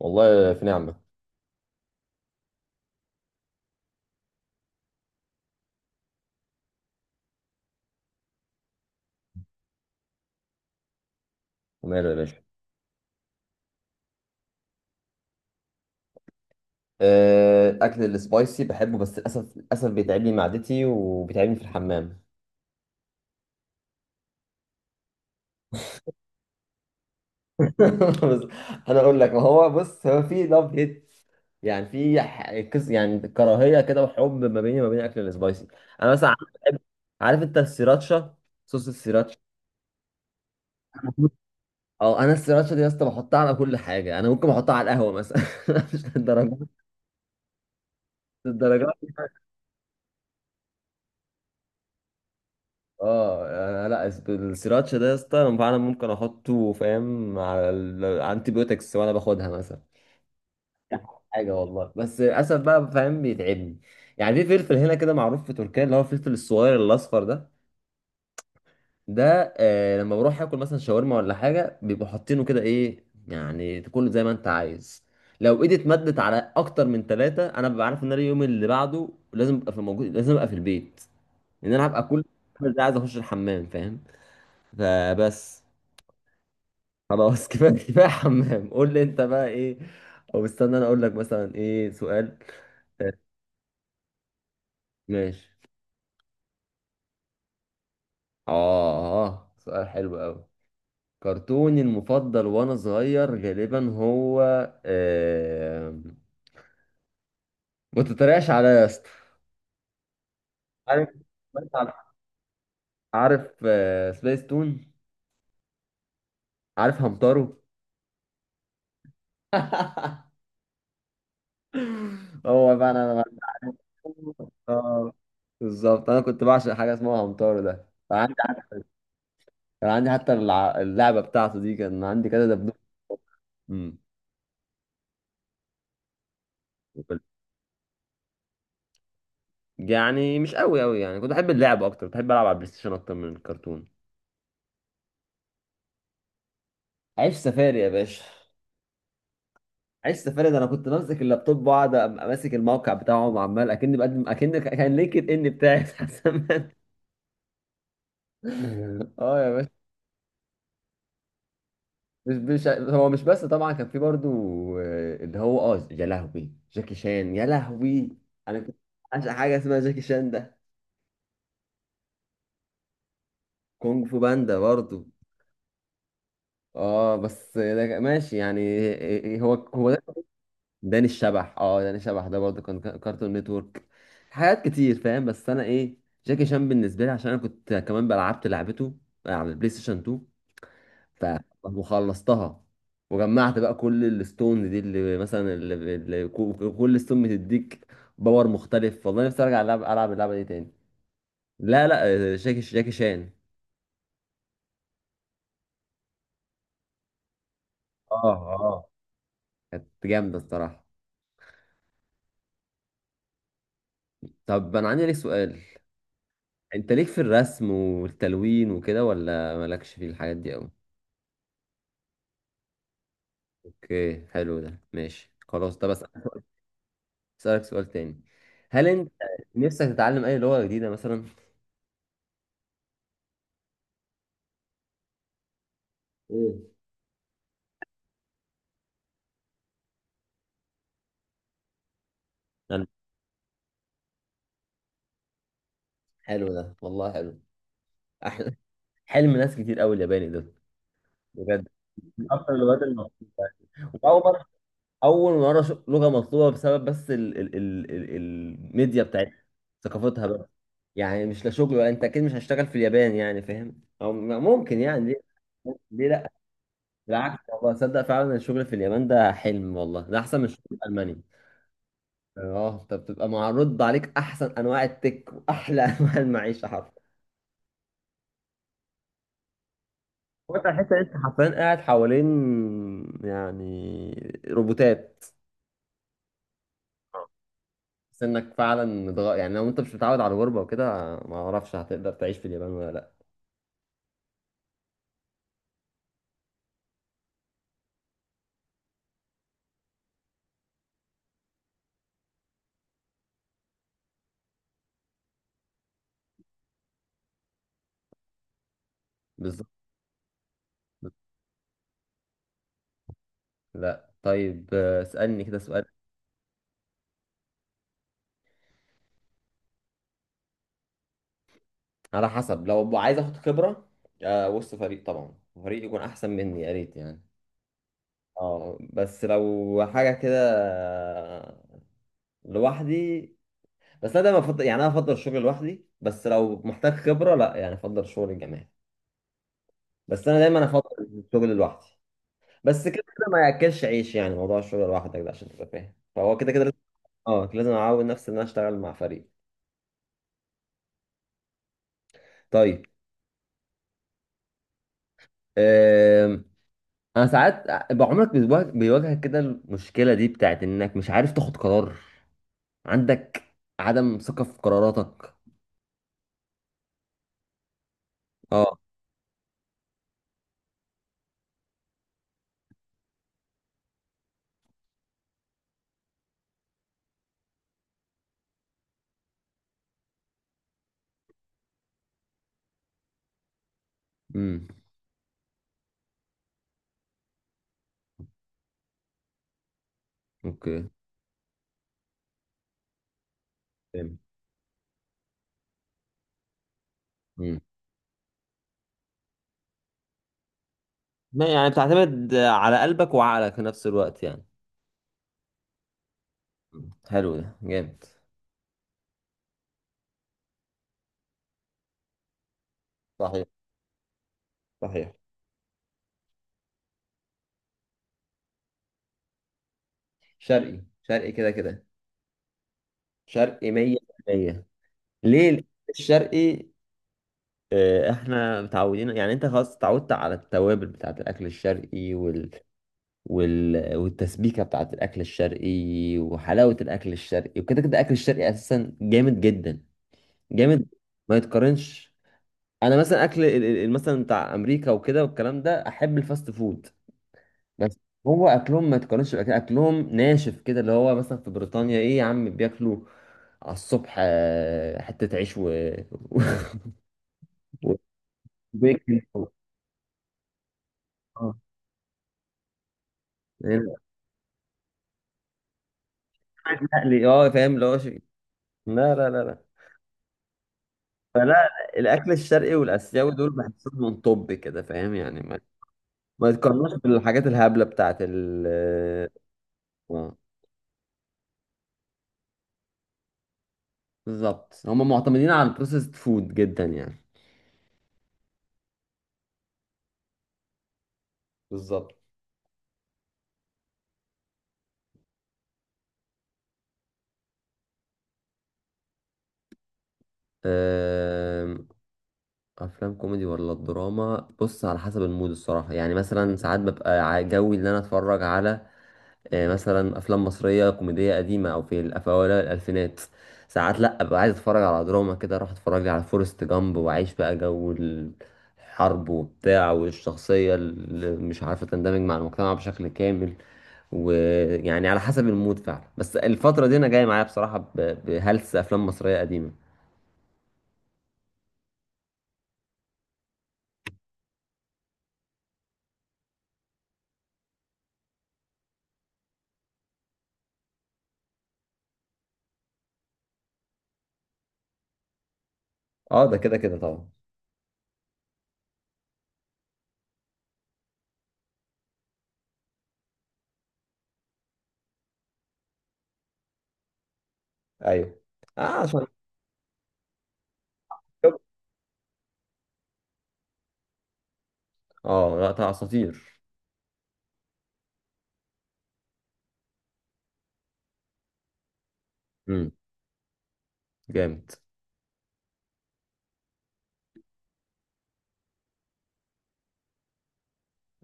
والله في نعمة. وماله يا باشا. أكل السبايسي بحبه، بس للأسف بيتعبني معدتي وبيتعبني في الحمام. بس أنا أقول لك، ما هو بص، هو في لاف هيت، يعني في كس، يعني كراهية كده وحب ما بيني وما بين أكل السبايسي. أنا مثلا عارف. بحب- عارف أنت السيراتشا، صوص السيراتشا. أو أنا السيراتشا دي يا اسطى بحطها على كل حاجة. أنا ممكن أحطها على القهوة مثلا. مش الدرجات. الدرجات. اه، انا لا السراتشا ده يا اسطى، انا فعلا ممكن احطه، فاهم، على الانتي بيوتكس وانا باخدها مثلا. حاجه والله. بس للاسف بقى، فاهم، بيتعبني. يعني في فلفل هنا كده معروف في تركيا، اللي هو الفلفل الصغير الاصفر ده. ده، لما بروح اكل مثلا شاورما ولا حاجه بيبقوا حاطينه كده. ايه، يعني تاكله زي ما انت عايز. لو ايدي اتمدت على اكتر من ثلاثه، انا ببقى عارف ان انا اليوم اللي بعده لازم ابقى في موجود، لازم ابقى في البيت، ان انا هبقى كل ده عايز اخش الحمام، فاهم. فبس. خلاص. كفايه كفايه حمام. قول لي انت بقى ايه؟ او استنى، انا اقول لك مثلا ايه سؤال. آه، ماشي. اه، سؤال حلو قوي. كرتوني المفضل وانا صغير غالبا هو آه... ما تتريقش عليا يا اسطى. عارف، عارف. سبيس تون. عارف همتارو. هو بقى انا اه بالظبط انا كنت بعشق حاجه اسمها همتارو ده. كان عندي حتى اللعبة بتاعته دي، كان عندي كذا دبدوب. امم وكنت- يعني مش قوي قوي، يعني كنت احب اللعب اكتر، بحب العب على البلاي ستيشن اكتر من الكرتون. عيش سفاري يا باشا. عيش سفاري ده، انا كنت بمسك اللابتوب واقعد ماسك الموقع بتاعه، وعمال اكني بقدم اكن كان لينكد ان بتاعي بتاع زمان. اه يا باشا. مش هو مش، بس طبعا كان في برضو. اللي هو، اه يا لهوي، جاكي شان يا لهوي. انا كنت عشان حاجه اسمها جاكي شان ده. كونج فو باندا برضو. اه، بس ده ماشي يعني. إيه، إيه، هو هو ده. داني الشبح. اه، داني الشبح ده برضه كان كارتون نتورك. حاجات كتير فاهم. بس انا ايه، جاكي شان بالنسبه لي عشان انا كنت كمان لعبت لعبته على البلاي ستيشن 2. ف- وخلصتها. وجمعت بقى كل الستون دي، اللي مثلا اللي كل ستون بتديك باور مختلف. والله نفسي ارجع العب اللعبه دي تاني. لا، لا، جاكي شان. اه، اه، كانت جامده الصراحه. طب انا عندي لك سؤال. انت ليك في الرسم والتلوين وكده، ولا مالكش في الحاجات دي قوي؟ اوكي، حلو ده، ماشي، خلاص، طب اسالك سؤال تاني. هل انت نفسك تتعلم اي لغة جديدة مثلا؟ مم. أنا- حلو ده والله، حلو. أحلى. حلم ناس كتير قوي الياباني ده، بجد، من اكتر اللغات المطلوبة. واول مرة أشوف لغة مطلوبة بسبب بس ال ال ال ال الميديا بتاعتها، ثقافتها بقى. يعني مش لا شغل، ولا انت اكيد مش هشتغل في اليابان يعني، فاهم، او ممكن يعني ليه. ليه لا؟ بالعكس والله، تصدق فعلا الشغل في اليابان ده حلم والله، ده احسن من الشغل في المانيا. اه، انت بتبقى معرض عليك احسن انواع التك واحلى انواع المعيشه حرفيا. وانت حتى انت حرفيا قاعد حوالين يعني روبوتات سنك فعلا يعني لو انت مش متعود على الغربه وكده، ما اعرفش هتقدر تعيش في اليابان ولا لا. بالظبط. لا، طيب، اسالني كده سؤال. على حسب، لو عايز اخد خبره، وسط فريق طبعا، فريق يكون احسن مني يا ريت يعني. اه، بس لو حاجة كده لوحدي، بس انا دايما افضل يعني، انا افضل الشغل لوحدي، بس لو محتاج خبرة لا يعني، افضل الشغل الجماعي. بس انا دايما افضل الشغل لوحدي. بس كده كده ما ياكلش عيش، يعني موضوع الشغل لوحدك ده عشان تبقى فاهم، فهو كده كده لازم. اه، لازم اعود نفسي ان انا اشتغل مع فريق. طيب، أم... انا ساعات بقى، عمرك بيواجهك كده المشكلة دي بتاعت انك مش عارف تاخد قرار؟ عندك عدم ثقة في قراراتك؟ اه. امم. اوكي، جامد. مم. ما يعني بتعتمد على قلبك وعقلك في نفس الوقت يعني. حلو ده، جامد. صحيح، صحيح. شرقي، شرقي، كده كده. شرقي 100%. ليه الشرقي؟ احنا متعودين يعني، انت خلاص اتعودت على التوابل بتاعت الاكل الشرقي والتسبيكه بتاعت الاكل الشرقي وحلاوه الاكل الشرقي وكده كده. الاكل الشرقي اساسا جامد جدا. جامد، ما يتقارنش. انا مثلا اكل مثلا بتاع امريكا وكده والكلام ده، احب الفاست فود. بس هو اكلهم ما تقارنش بأكل، اكلهم ناشف كده. اللي هو مثلا في بريطانيا ايه يا عم بياكلوا على الصبح حتة عيش و و- وبيكن. اه هنا، مقلي، اه فاهم اللي هو شيء. لا، لا، لا، لا. فلا، الاكل الشرقي والاسيوي دول بحسهم من طب كده، فاهم يعني. ما تقارنوش بالحاجات الهبلة بتاعت ال. اه بالظبط، هم معتمدين على البروسيسد فود جدا يعني. بالظبط. افلام كوميدي ولا الدراما؟ بص على حسب المود الصراحه يعني، مثلا ساعات ببقى جوي ان انا اتفرج على مثلا افلام مصريه كوميديه قديمه او في اوائل الالفينات. ساعات لا، ابقى عايز اتفرج على دراما كده، اروح اتفرج لي على فورست جامب واعيش بقى جو الحرب وبتاع، والشخصيه اللي مش عارفه تندمج مع المجتمع بشكل كامل. ويعني على حسب المود فعلا. بس الفتره دي انا جاي معايا بصراحه بهلس افلام مصريه قديمه. اه، ده كده كده طبعا. ايوه. عشان، اه، لا اساطير. امم، جامد.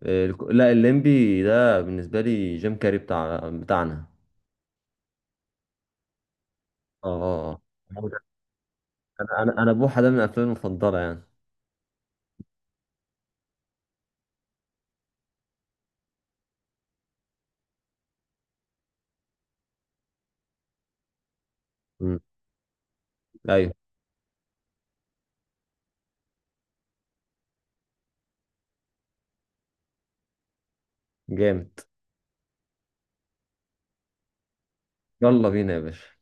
لا، الليمبي ده بالنسبه لي جيم كاري بتاعنا. اه، اه، آه. هو ده. انا بوحه ده من افلامي المفضله يعني. امم. ايوه، جامد. يلا بينا يا باشا.